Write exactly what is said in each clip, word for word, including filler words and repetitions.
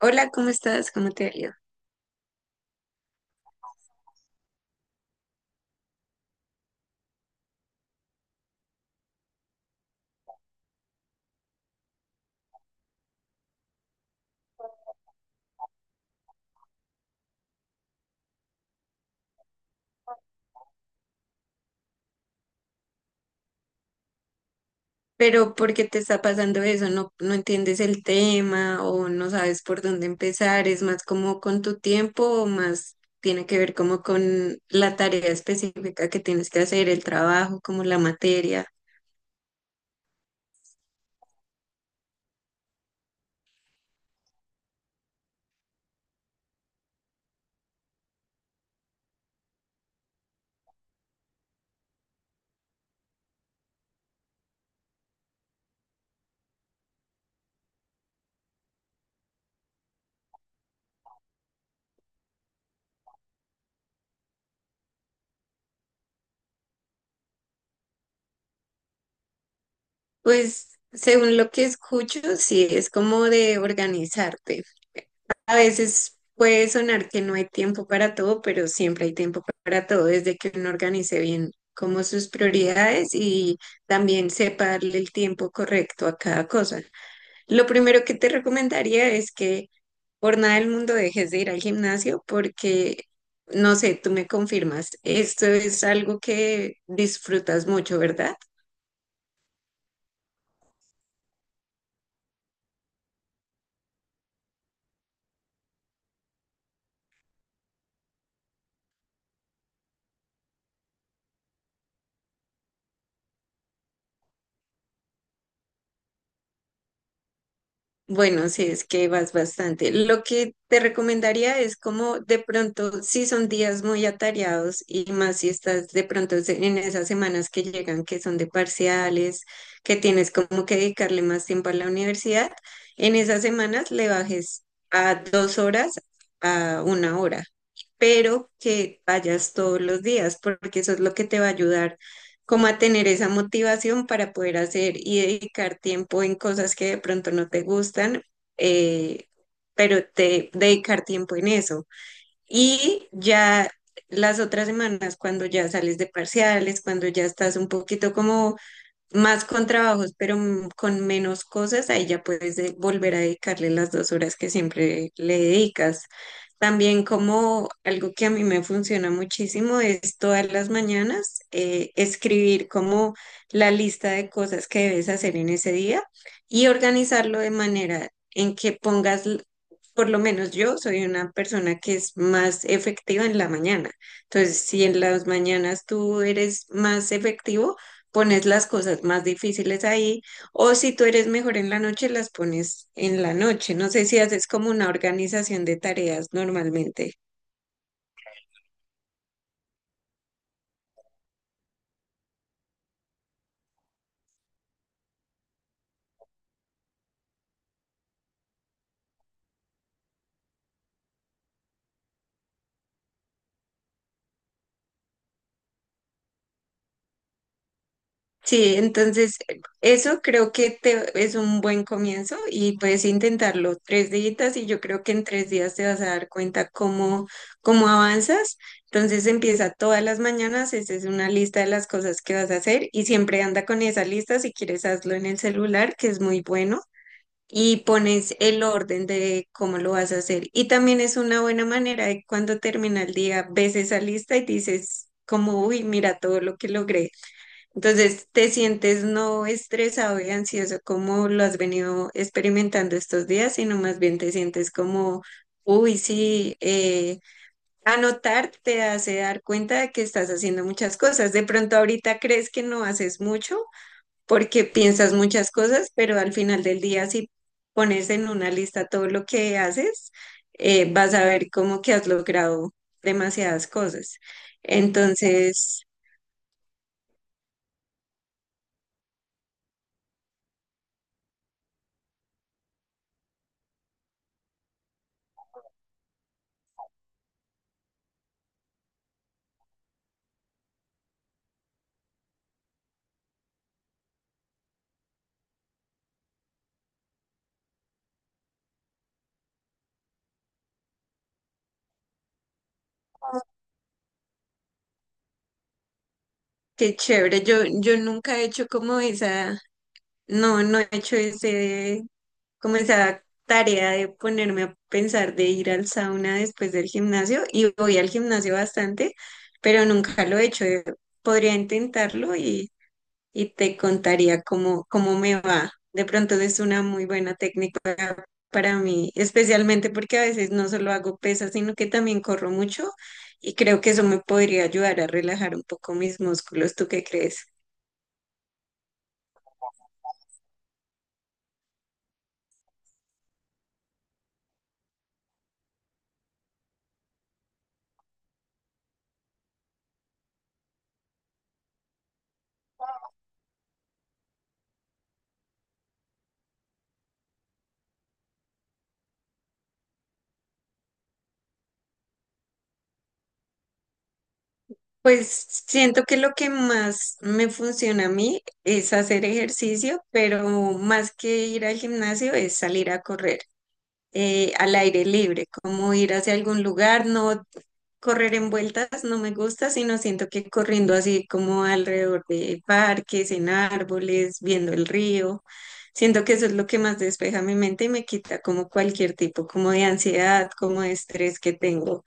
Hola, ¿cómo estás? ¿Cómo te ha ido? Pero ¿por qué te está pasando eso? No, no entiendes el tema o no sabes por dónde empezar. ¿Es más como con tu tiempo o más tiene que ver como con la tarea específica que tienes que hacer, el trabajo, como la materia? Pues según lo que escucho, sí, es como de organizarte. A veces puede sonar que no hay tiempo para todo, pero siempre hay tiempo para todo desde que uno organice bien como sus prioridades y también sepa darle el tiempo correcto a cada cosa. Lo primero que te recomendaría es que por nada del mundo dejes de ir al gimnasio porque, no sé, tú me confirmas, esto es algo que disfrutas mucho, ¿verdad? Bueno, sí, es que vas bastante. Lo que te recomendaría es como de pronto, si son días muy atareados y más si estás de pronto se- en esas semanas que llegan, que son de parciales, que tienes como que dedicarle más tiempo a la universidad, en esas semanas le bajes a dos horas a una hora, pero que vayas todos los días, porque eso es lo que te va a ayudar como a tener esa motivación para poder hacer y dedicar tiempo en cosas que de pronto no te gustan, eh, pero te dedicar tiempo en eso. Y ya las otras semanas, cuando ya sales de parciales, cuando ya estás un poquito como más con trabajos, pero mm, con menos cosas, ahí ya puedes de- volver a dedicarle las dos horas que siempre le dedicas. También como algo que a mí me funciona muchísimo es todas las mañanas eh, escribir como la lista de cosas que debes hacer en ese día y organizarlo de manera en que pongas, l- por lo menos yo soy una persona que es más efectiva en la mañana. Entonces, si en las mañanas tú eres más efectivo, pones las cosas más difíciles ahí, o si tú eres mejor en la noche, las pones en la noche. No sé si haces como una organización de tareas normalmente. Sí, entonces eh, eso creo que te, es un buen comienzo y puedes intentarlo tres días y yo creo que en tres días te vas a dar cuenta cómo, cómo avanzas. Entonces empieza todas las mañanas, esa es una lista de las cosas que vas a hacer y siempre anda con esa lista, si quieres hazlo en el celular, que es muy bueno, y pones el orden de cómo lo vas a hacer. Y también es una buena manera de cuando termina el día, ves esa lista y dices como, uy, mira todo lo que logré. Entonces, ¿te sientes no estresado y ansioso como lo has venido experimentando estos días, sino más bien te sientes como, uy, sí, eh, anotar te hace dar cuenta de que estás haciendo muchas cosas. De pronto ahorita crees que no haces mucho porque piensas muchas cosas, pero al final del día si pones en una lista todo lo que haces, eh, vas a ver como que has logrado demasiadas cosas. Entonces... Qué chévere, yo, yo nunca he hecho como esa, no, no he hecho ese, como esa tarea de ponerme a pensar de ir al sauna después del gimnasio y voy al gimnasio bastante, pero nunca lo he hecho. eh, Podría intentarlo y, y te contaría cómo, cómo me va. De pronto es una muy buena técnica para mí, especialmente porque a veces no solo hago pesas, sino que también corro mucho y creo que eso me podría ayudar a relajar un poco mis músculos. ¿Tú qué crees? Pues siento que lo que más me funciona a mí es hacer ejercicio, pero más que ir al gimnasio es salir a correr eh, al aire libre, como ir hacia algún lugar, no correr en vueltas, no me gusta, sino siento que corriendo así como alrededor de parques, en árboles, viendo el río, siento que eso es lo que más despeja mi mente y me quita como cualquier tipo, como de ansiedad, como de estrés que tengo.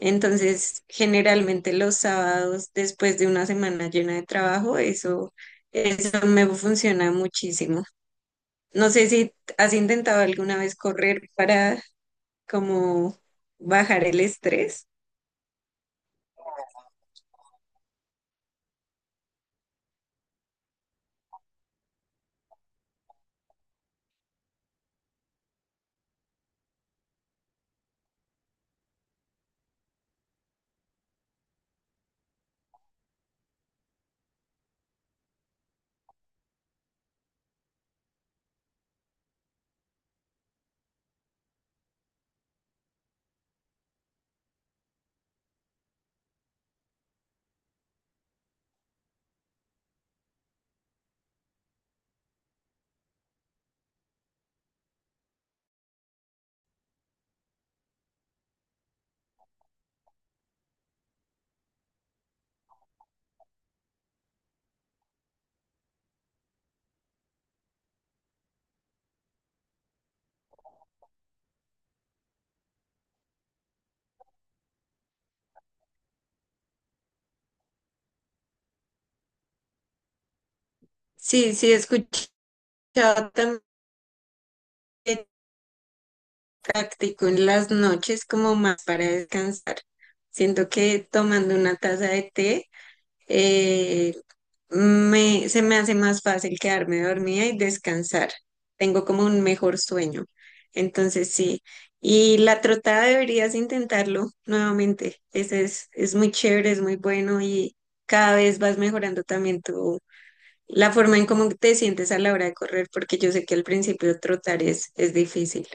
Entonces, generalmente los sábados, después de una semana llena de trabajo, eso, eso me funciona muchísimo. No sé si has intentado alguna vez correr para como bajar el estrés. Sí, sí, he escuchado también táctico en las noches como más para descansar. Siento que tomando una taza de té eh, me, se me hace más fácil quedarme dormida y descansar. Tengo como un mejor sueño. Entonces sí. Y la trotada deberías intentarlo nuevamente. Ese es, es muy chévere, es muy bueno y cada vez vas mejorando también tu, la forma en cómo te sientes a la hora de correr, porque yo sé que al principio trotar es, es difícil.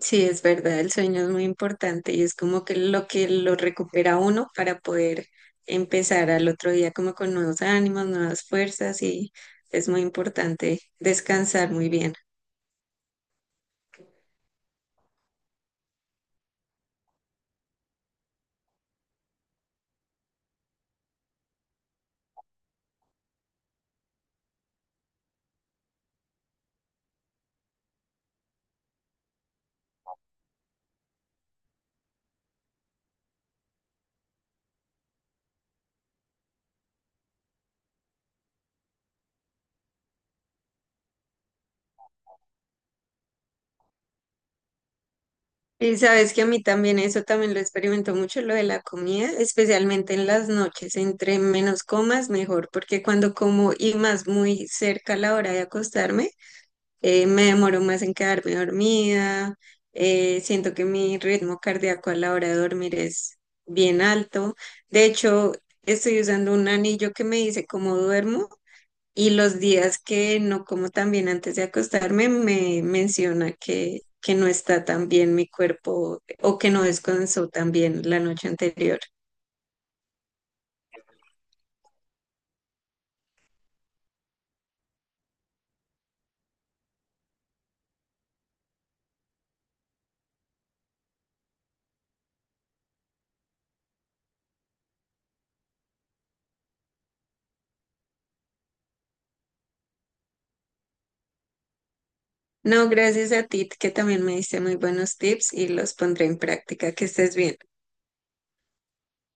Sí, es verdad, el sueño es muy importante y es como que lo que lo recupera uno para poder empezar al otro día como con nuevos ánimos, nuevas fuerzas y es muy importante descansar muy bien. Y sabes que a mí también eso también lo experimento mucho, lo de la comida, especialmente en las noches, entre menos comas mejor, porque cuando como y más muy cerca a la hora de acostarme, eh, me demoro más en quedarme dormida, eh, siento que mi ritmo cardíaco a la hora de dormir es bien alto. De hecho, estoy usando un anillo que me dice cómo duermo y los días que no como tan bien antes de acostarme me menciona que, que no está tan bien mi cuerpo o que no descansó tan bien la noche anterior. No, gracias a ti que también me diste muy buenos tips y los pondré en práctica. Que estés bien.